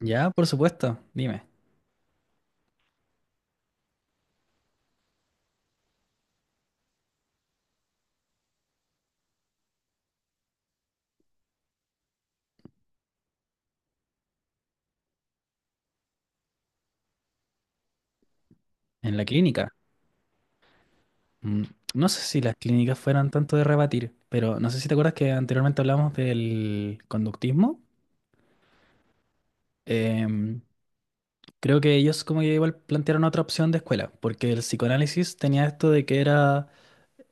Ya, por supuesto, dime, en la clínica. Mm, No sé si las clínicas fueran tanto de rebatir, pero no sé si te acuerdas que anteriormente hablamos del conductismo. Em, Creo que ellos como que igual plantearon otra opción de escuela, porque el psicoanálisis tenía esto de que era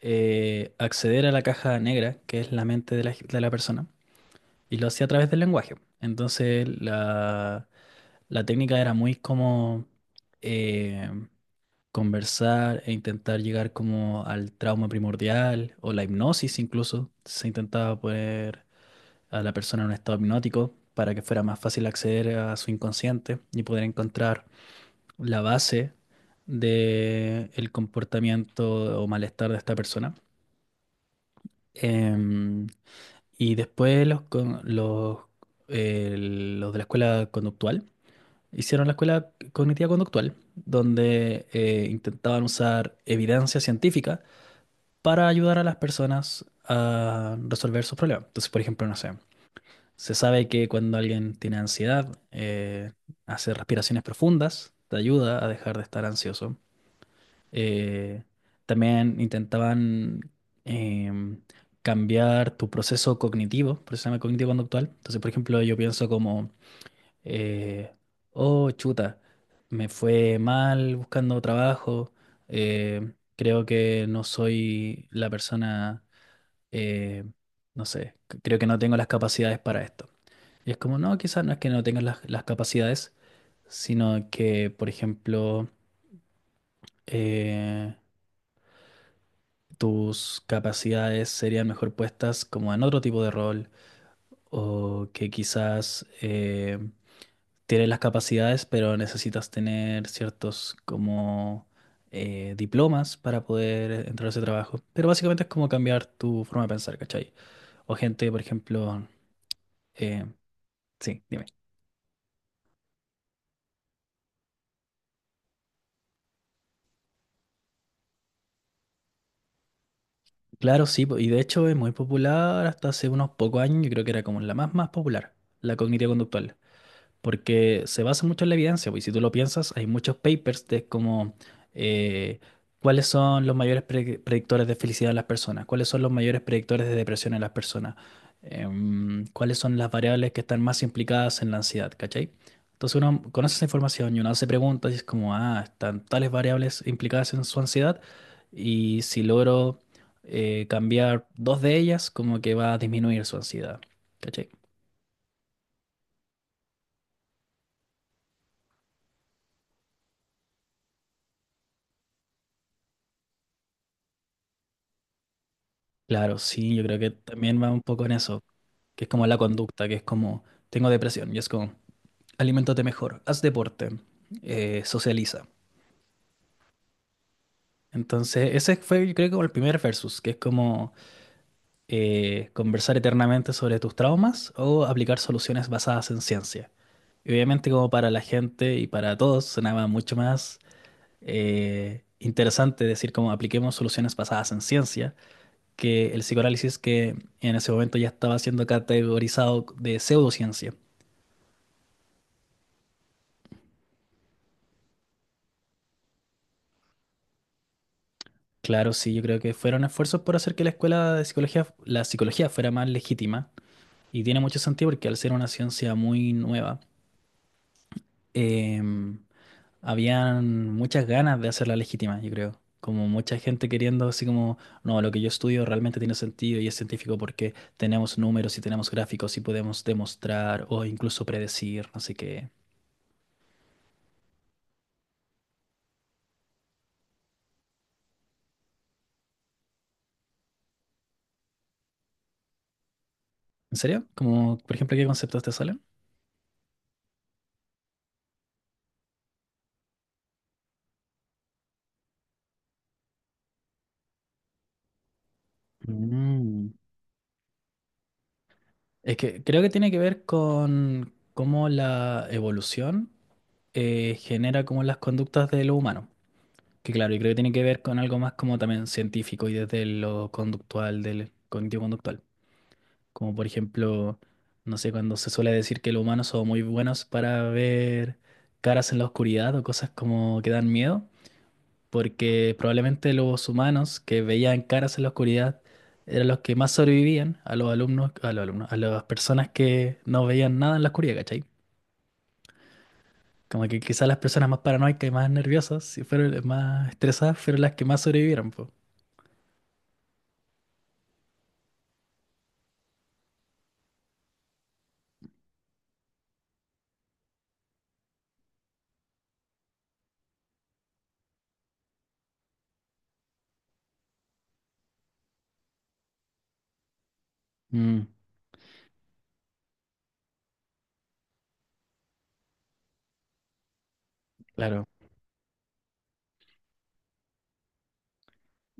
acceder a la caja negra, que es la mente de de la persona, y lo hacía a través del lenguaje. Entonces la técnica era muy como em, conversar e intentar llegar como al trauma primordial o la hipnosis incluso. Se intentaba poner a la persona en un estado hipnótico para que fuera más fácil acceder a su inconsciente y poder encontrar la base del comportamiento o malestar de esta persona. Em, y después los de la escuela conductual hicieron la escuela cognitiva conductual, donde intentaban usar evidencia científica para ayudar a las personas a resolver sus problemas. Entonces, por ejemplo, no sé, se sabe que cuando alguien tiene ansiedad, hace respiraciones profundas, te ayuda a dejar de estar ansioso. Eh, También intentaban em, cambiar tu proceso cognitivo, por eso se llama cognitivo conductual. Entonces, por ejemplo, yo pienso como, eh, oh, chuta, me fue mal buscando trabajo, creo que no soy la persona, eh, no sé, creo que no tengo las capacidades para esto. Y es como, no, quizás no es que no tengas las capacidades, sino que, por ejemplo, eh, tus capacidades serían mejor puestas como en otro tipo de rol, o que quizás tienes las capacidades, pero necesitas tener ciertos como diplomas para poder entrar a ese trabajo. Pero básicamente es como cambiar tu forma de pensar, ¿cachai? O gente, por ejemplo, eh, sí, dime. Claro, sí, po, y de hecho es muy popular hasta hace unos pocos años, yo creo que era como la más más popular, la cognitiva conductual, porque se basa mucho en la evidencia, pues, y si tú lo piensas, hay muchos papers de como eh, cuáles son los mayores predictores de felicidad en las personas, cuáles son los mayores predictores de depresión en las personas, cuáles son las variables que están más implicadas en la ansiedad, ¿cachai? Entonces uno conoce esa información y uno se pregunta y es como, ah, están tales variables implicadas en su ansiedad y si logro cambiar dos de ellas, como que va a disminuir su ansiedad, ¿cachai? Claro, sí, yo creo que también va un poco en eso. Que es como la conducta, que es como, tengo depresión, y es como, aliméntate mejor, haz deporte, socializa. Entonces, ese fue, yo creo, como el primer versus, que es como conversar eternamente sobre tus traumas o aplicar soluciones basadas en ciencia. Y obviamente, como para la gente y para todos, sonaba mucho más interesante decir como apliquemos soluciones basadas en ciencia que el psicoanálisis que en ese momento ya estaba siendo categorizado de pseudociencia. Claro, sí, yo creo que fueron esfuerzos por hacer que la escuela de psicología, la psicología fuera más legítima, y tiene mucho sentido porque al ser una ciencia muy nueva, em, habían muchas ganas de hacerla legítima, yo creo. Como mucha gente queriendo así como, no, lo que yo estudio realmente tiene sentido y es científico porque tenemos números y tenemos gráficos y podemos demostrar o incluso predecir, no sé qué. ¿En serio? Como, por ejemplo, ¿qué conceptos te salen? Mm. Es que creo que tiene que ver con cómo la evolución genera como las conductas de lo humano. Que claro, y creo que tiene que ver con algo más como también científico y desde lo conductual, del cognitivo-conductual. Como por ejemplo, no sé, cuando se suele decir que los humanos son muy buenos para ver caras en la oscuridad o cosas como que dan miedo, porque probablemente los humanos que veían caras en la oscuridad eran los que más sobrevivían a los alumnos, a los alumnos, a las personas que no veían nada en la oscuridad, ¿cachai? Como que quizás las personas más paranoicas y más nerviosas, si fueron más estresadas, fueron las que más sobrevivieron, po. Mm, claro.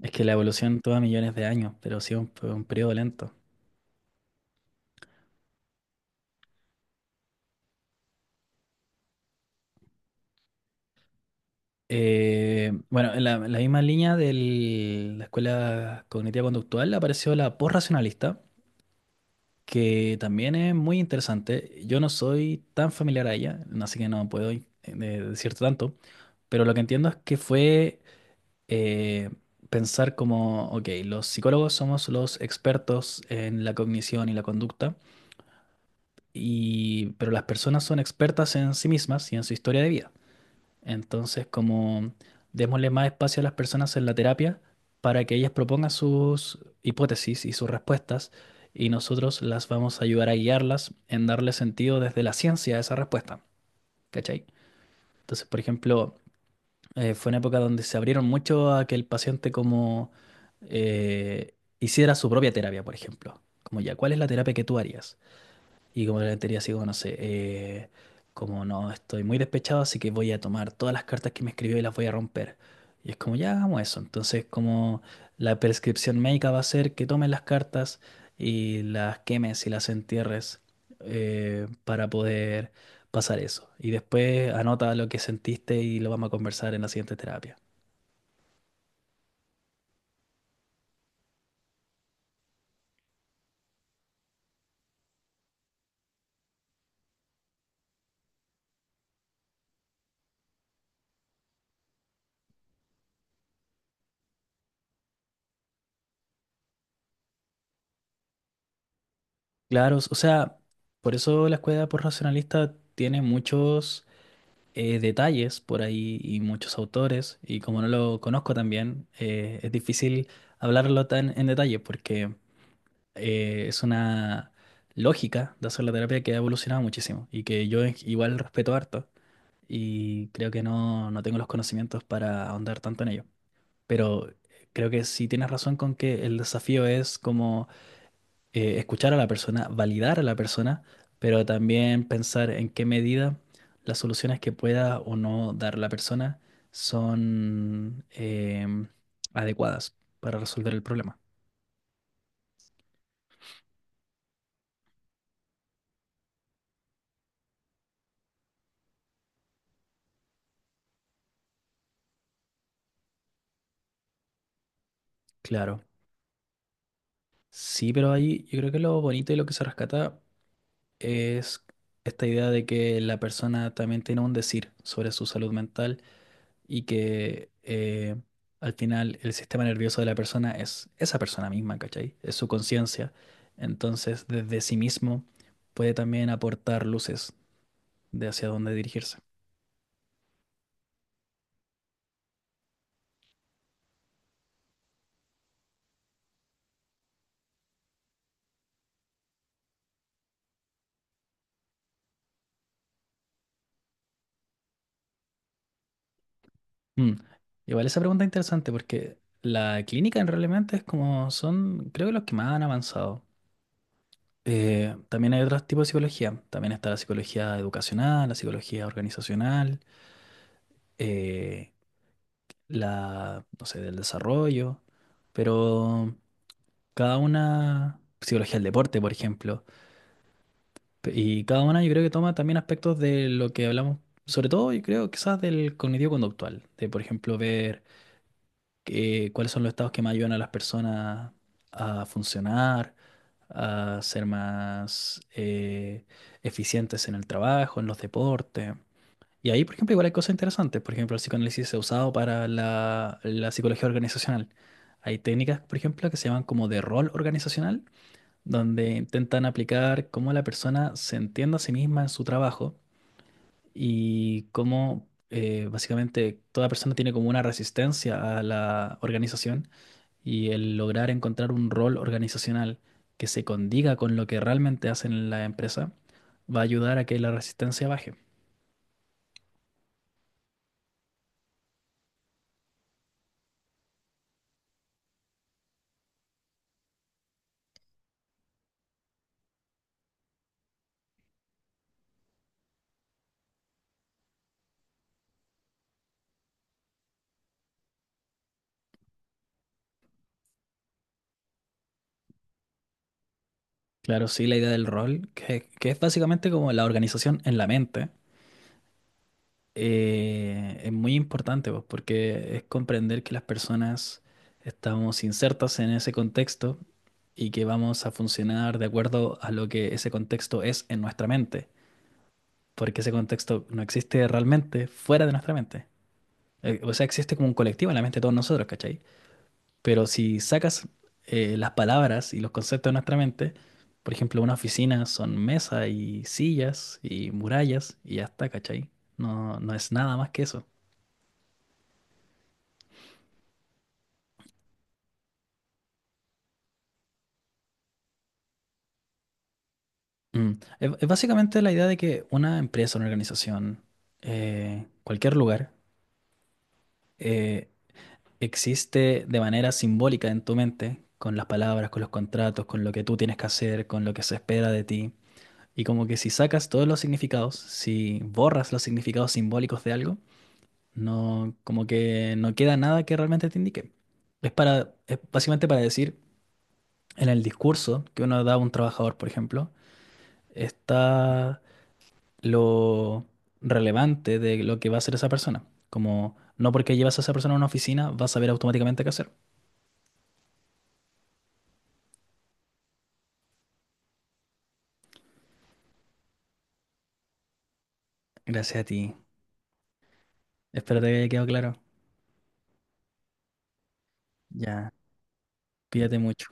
Es que la evolución toma millones de años, pero sí un periodo lento. Bueno, en en la misma línea de la escuela cognitiva conductual apareció la posracionalista, que también es muy interesante. Yo no soy tan familiar a ella, así que no puedo decirte tanto, pero lo que entiendo es que fue eh, pensar como, ok, los psicólogos somos los expertos en la cognición y la conducta, y, pero las personas son expertas en sí mismas y en su historia de vida. Entonces, como démosle más espacio a las personas en la terapia para que ellas propongan sus hipótesis y sus respuestas y nosotros las vamos a ayudar a guiarlas en darle sentido desde la ciencia a esa respuesta, ¿cachai? Entonces, por ejemplo, fue una época donde se abrieron mucho a que el paciente como hiciera su propia terapia, por ejemplo. Como ya, ¿cuál es la terapia que tú harías? Y como le diría así como, no sé, como no, estoy muy despechado, así que voy a tomar todas las cartas que me escribió y las voy a romper. Y es como, ya hagamos eso. Entonces, como la prescripción médica va a ser que tomes las cartas y las quemes y las entierres, para poder pasar eso. Y después anota lo que sentiste y lo vamos a conversar en la siguiente terapia. Claro, o sea, por eso la escuela por racionalista tiene muchos detalles por ahí y muchos autores, y como no lo conozco también, es difícil hablarlo tan en detalle porque es una lógica de hacer la terapia que ha evolucionado muchísimo y que yo igual respeto harto y creo que no, no tengo los conocimientos para ahondar tanto en ello. Pero creo que sí tienes razón con que el desafío es como escuchar a la persona, validar a la persona, pero también pensar en qué medida las soluciones que pueda o no dar la persona son adecuadas para resolver el problema. Claro. Sí, pero ahí yo creo que lo bonito y lo que se rescata es esta idea de que la persona también tiene un decir sobre su salud mental y que al final el sistema nervioso de la persona es esa persona misma, ¿cachai? Es su conciencia. Entonces, desde sí mismo puede también aportar luces de hacia dónde dirigirse. Mm. Igual esa pregunta es interesante porque la clínica en realmente es como son, creo que los que más han avanzado. También hay otros tipos de psicología. También está la psicología educacional, la psicología organizacional, eh, la, no sé, del desarrollo. Pero cada una, psicología del deporte, por ejemplo. Y cada una yo creo que toma también aspectos de lo que hablamos, sobre todo yo creo quizás del cognitivo conductual, de por ejemplo ver cuáles son los estados que más ayudan a las personas a funcionar, a ser más eficientes en el trabajo, en los deportes. Y ahí, por ejemplo, igual hay cosas interesantes. Por ejemplo, el psicoanálisis se ha usado para la psicología organizacional. Hay técnicas, por ejemplo, que se llaman como de rol organizacional, donde intentan aplicar cómo la persona se entiende a sí misma en su trabajo y cómo básicamente toda persona tiene como una resistencia a la organización y el lograr encontrar un rol organizacional que se condiga con lo que realmente hacen en la empresa va a ayudar a que la resistencia baje. Claro, sí, la idea del rol, que es básicamente como la organización en la mente, es muy importante, pues, porque es comprender que las personas estamos insertas en ese contexto y que vamos a funcionar de acuerdo a lo que ese contexto es en nuestra mente, porque ese contexto no existe realmente fuera de nuestra mente. O sea, existe como un colectivo en la mente de todos nosotros, ¿cachai? Pero si sacas las palabras y los conceptos de nuestra mente, por ejemplo, una oficina son mesa y sillas y murallas y ya está, ¿cachai? No, no es nada más que eso. Mm. Es básicamente la idea de que una empresa, una organización, cualquier lugar, eh, existe de manera simbólica en tu mente, con las palabras, con los contratos, con lo que tú tienes que hacer, con lo que se espera de ti. Y como que si sacas todos los significados, si borras los significados simbólicos de algo, no, como que no queda nada que realmente te indique. Es para, es básicamente para decir, en el discurso que uno da a un trabajador, por ejemplo, está lo relevante de lo que va a hacer esa persona. Como no porque llevas a esa persona a una oficina, vas a saber automáticamente qué hacer. Gracias a ti. Espero te haya quedado claro. Ya, cuídate mucho.